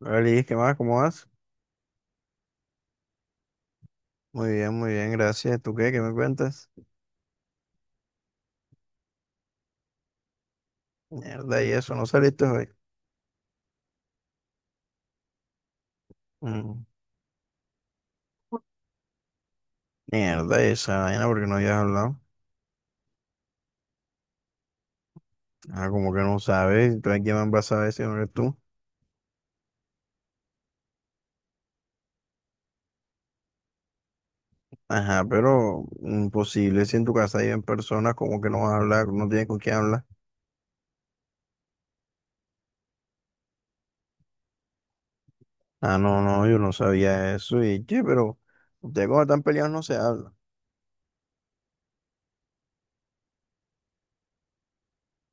Hola, Liz, ¿qué más? ¿Cómo vas? Muy bien, gracias. ¿Tú qué? ¿Qué me cuentas? Mierda, y eso, ¿no saliste hoy? Mm. Mierda, y esa vaina, porque no habías hablado. Ah, como que no sabes, entonces quién más vas a saber si no eres tú. Ajá, pero imposible, si en tu casa hay en personas, como que no vas a hablar, no tienes con quién hablar. Ah, no, no, yo no sabía eso, y che, pero ustedes cuando están peleados no se habla.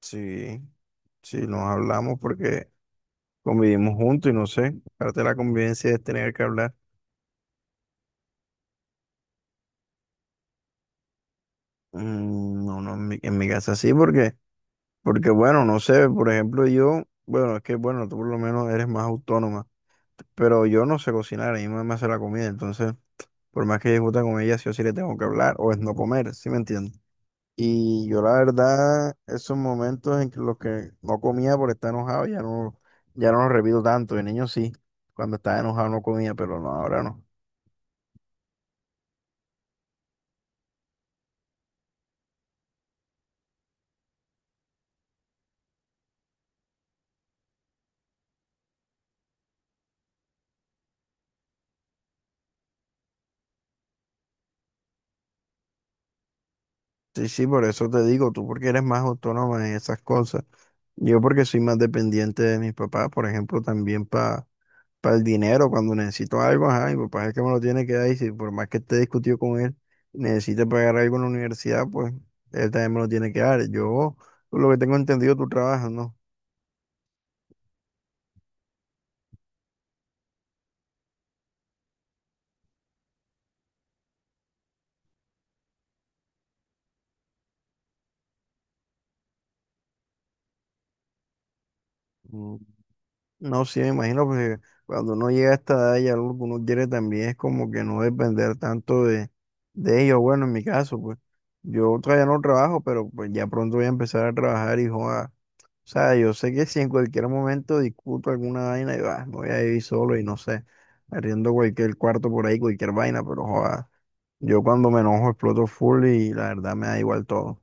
Sí, sí, nos hablamos porque convivimos juntos y no sé, parte de la convivencia es tener que hablar. Mm. No, no, en mi casa sí, porque bueno, no sé, por ejemplo, yo, bueno, es que bueno, tú por lo menos eres más autónoma, pero yo no sé cocinar, a mi mamá me hace la comida, entonces, por más que discuta con ella, sí o sí le tengo que hablar, o es no comer, ¿sí me entiendes? Y yo la verdad, esos momentos en que los que no comía por estar enojado, ya no, ya no los repito tanto, de niño sí, cuando estaba enojado no comía, pero no, ahora no. Sí, sí, por eso te digo, tú porque eres más autónoma en esas cosas. Yo porque soy más dependiente de mis papás, por ejemplo, también para el dinero, cuando necesito algo, ajá, mi papá es el que me lo tiene que dar y si por más que esté discutido con él, necesite pagar algo en la universidad, pues él también me lo tiene que dar. Yo, por lo que tengo entendido, tú trabajas, ¿no? Mm. No, sí, me imagino, porque cuando uno llega a esta edad y algo que uno quiere también es como que no depender tanto de ellos. Bueno, en mi caso, pues yo todavía no trabajo, pero pues ya pronto voy a empezar a trabajar, y hijo. O sea, yo sé que si en cualquier momento discuto alguna vaina y va, me voy a ir solo y no sé, arriendo cualquier cuarto por ahí, cualquier vaina, pero joda, yo cuando me enojo exploto full y la verdad me da igual todo.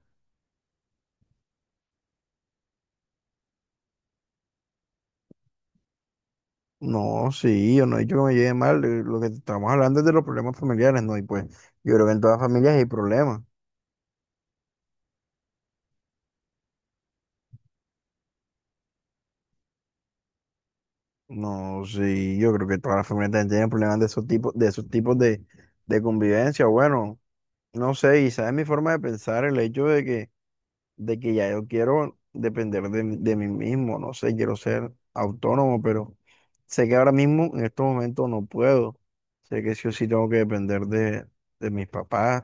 No, sí, yo no he dicho que me lleve mal, lo que estamos hablando es de los problemas familiares, ¿no? Y pues yo creo que en todas las familias hay problemas. No, sí, yo creo que todas las familias también tienen problemas de esos tipos, de convivencia. Bueno, no sé, y sabes mi forma de pensar, el hecho de que ya yo quiero depender de mí mismo, no sé, quiero ser autónomo, pero sé que ahora mismo en estos momentos no puedo. Sé que sí o sí tengo que depender de mis papás,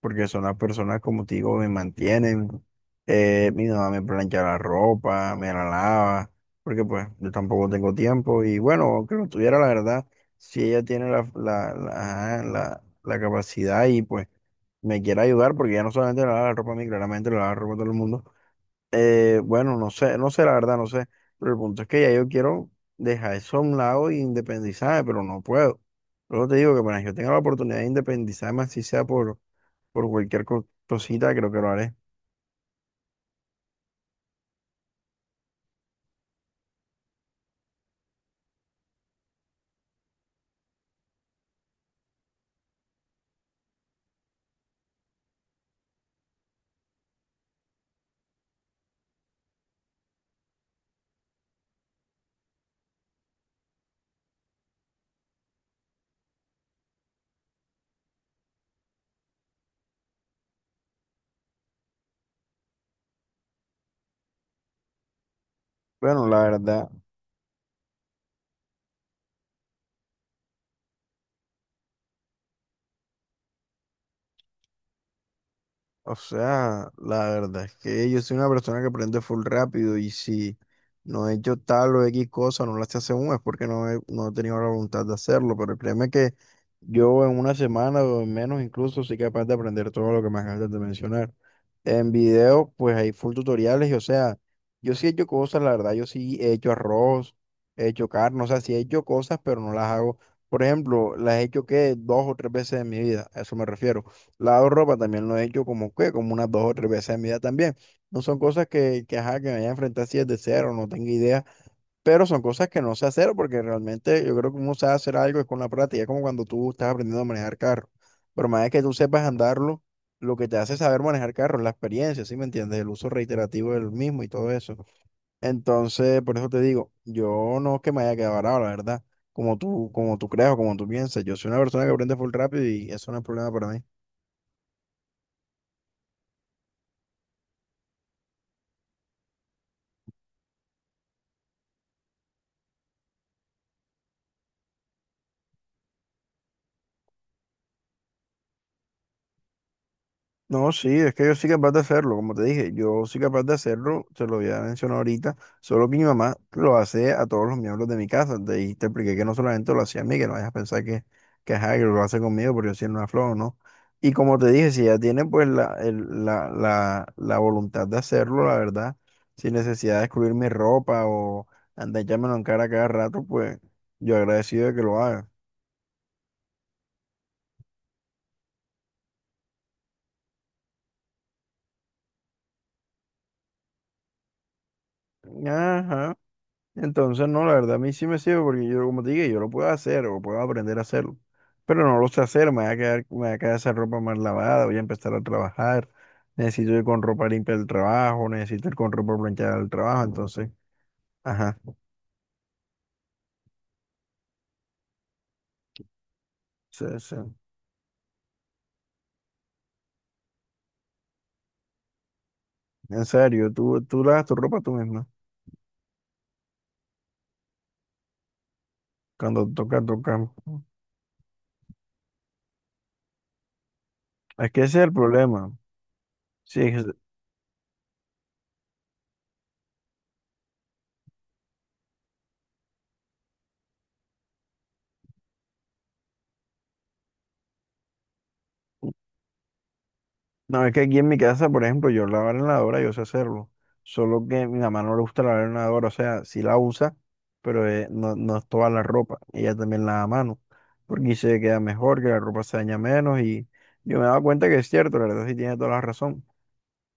porque son las personas, como te digo, me mantienen. Mi mamá me plancha la ropa, me la lava, porque pues yo tampoco tengo tiempo. Y bueno, aunque lo tuviera, la verdad, si ella tiene ajá, la capacidad y pues me quiere ayudar, porque ya no solamente le lava la ropa a mí, claramente le lava la ropa a todo el mundo. Bueno, no sé, no sé, la verdad, no sé. Pero el punto es que ya yo quiero dejar eso a un lado e independizarme, pero no puedo. Luego te digo que apenas yo tenga la oportunidad de independizarme, así sea por cualquier cosita, creo que lo haré. Bueno, la verdad. O sea, la verdad es que yo soy una persona que aprende full rápido y si no he hecho tal o X cosa, no la sé hace aún, es porque no he tenido la voluntad de hacerlo, pero créeme que yo en una semana o en menos incluso soy capaz de aprender todo lo que me acabas de mencionar. En video, pues hay full tutoriales y o sea, yo sí he hecho cosas, la verdad, yo sí he hecho arroz, he hecho carne, o sea, sí he hecho cosas, pero no las hago. Por ejemplo, las he hecho que dos o tres veces en mi vida, a eso me refiero. Lado ropa también lo he hecho como que, como unas dos o tres veces en mi vida también. No son cosas que, ajá, que me haya enfrentado enfrentar así desde cero, no tengo idea, pero son cosas que no sé hacer porque realmente yo creo que uno sabe hacer algo es con la práctica, es como cuando tú estás aprendiendo a manejar carro. Pero más es que tú sepas andarlo, lo que te hace saber manejar carro es la experiencia, ¿sí me entiendes? El uso reiterativo del mismo y todo eso. Entonces, por eso te digo, yo no es que me haya quedado varado, la verdad, como tú creas o como tú piensas. Yo soy una persona que aprende full rápido y eso no es problema para mí. No, sí, es que yo soy capaz de hacerlo, como te dije, yo soy capaz de hacerlo, te lo había mencionado ahorita, solo que mi mamá lo hace a todos los miembros de mi casa, de ahí te expliqué que no solamente lo hacía a mí, que no vayas a pensar que, ajá, que lo hace conmigo porque yo soy una flor, ¿no? Y como te dije, si ya tiene pues la voluntad de hacerlo, la verdad, sin necesidad de excluir mi ropa o andar echándomelo en cara cada rato, pues yo agradecido de que lo haga. Ajá. Entonces, no, la verdad a mí sí me sirve porque yo, como te dije, yo lo puedo hacer o puedo aprender a hacerlo, pero no lo sé hacer, me va a quedar esa ropa mal lavada, voy a empezar a trabajar, necesito ir con ropa limpia al trabajo, necesito ir con ropa planchada al trabajo, entonces, ajá, sí, sí. En serio, tú lavas tu ropa tú misma, cuando toca, toca. Es que ese es el problema, sí. No, es que aquí en mi casa, por ejemplo, yo lavar en la lavadora, yo sé hacerlo. Solo que mi mamá no le gusta lavar en la lavadora, o sea, sí la usa, pero no, no es toda la ropa. Ella también lava a mano, porque dice que queda mejor, que la ropa se daña menos y yo me he dado cuenta que es cierto, la verdad sí tiene toda la razón.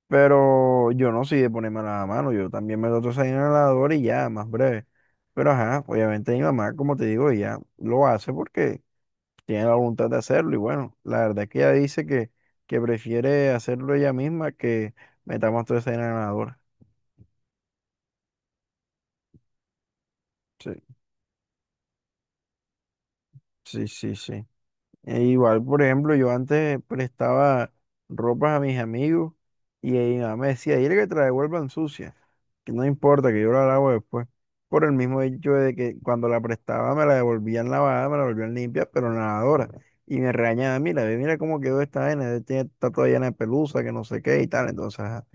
Pero yo no soy de ponerme a lavar a mano, yo también me lo toco ahí en la lavadora y ya, más breve. Pero ajá, obviamente mi mamá, como te digo, ella lo hace porque tiene la voluntad de hacerlo y bueno, la verdad es que ella dice que, prefiere hacerlo ella misma que metamos toda esa arena en la lavadora. Sí, sí, sí, sí. E igual, por ejemplo, yo antes prestaba ropas a mis amigos y ahí mi mamá me decía, dile que te la devuelvan sucia, que no importa, que yo la lavo después. Por el mismo hecho de que cuando la prestaba me la devolvían lavada, me la volvían limpia, pero en la lavadora. Y me regañaba, mira, ve, mira cómo quedó esta vaina, está toda llena de pelusa, que no sé qué y tal. Entonces, ajá.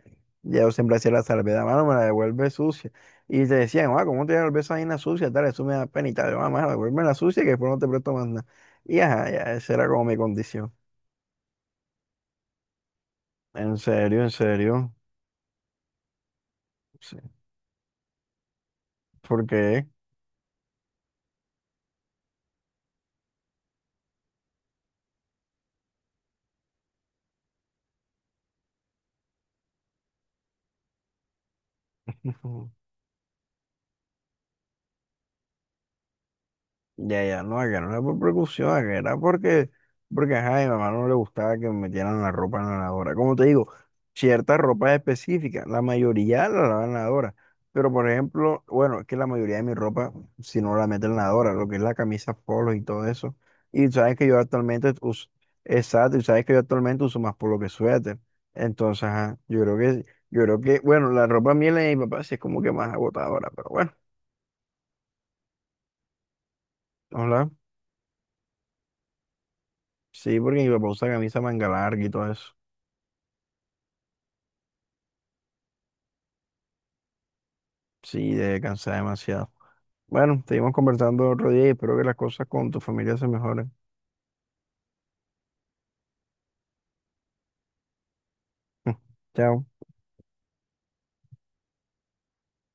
Ya yo siempre hacía la salvedad, mano, me la devuelve sucia. Y te decían, ah, ¿cómo te devuelves esa vaina sucia? Tal, eso me da pena y tal. Yo, ah, mano, devuélveme la sucia que después no te presto más nada. Y ajá, ya, esa era como mi condición. En serio, en serio. Sí. ¿Por qué? Ya, ya, no, que no era por precaución, a que era porque ajá, a mi mamá no le gustaba que me metieran la ropa en la lavadora. Como te digo, cierta ropa específica, la mayoría la lavan en la lavadora. Pero por ejemplo, bueno, es que la mayoría de mi ropa, si no la meten en la lavadora, lo que es la camisa polo y todo eso. Y sabes que yo actualmente uso, exacto, y sabes que yo actualmente uso más polo que suéter. Entonces, ajá, yo creo que, bueno, la ropa mía y la de mi papá sí es como que más agotadora, pero bueno, hola. Sí, porque mi papá usa camisa manga larga y todo eso. Sí, de cansar demasiado. Bueno, seguimos conversando otro día y espero que las cosas con tu familia se mejoren. Chao.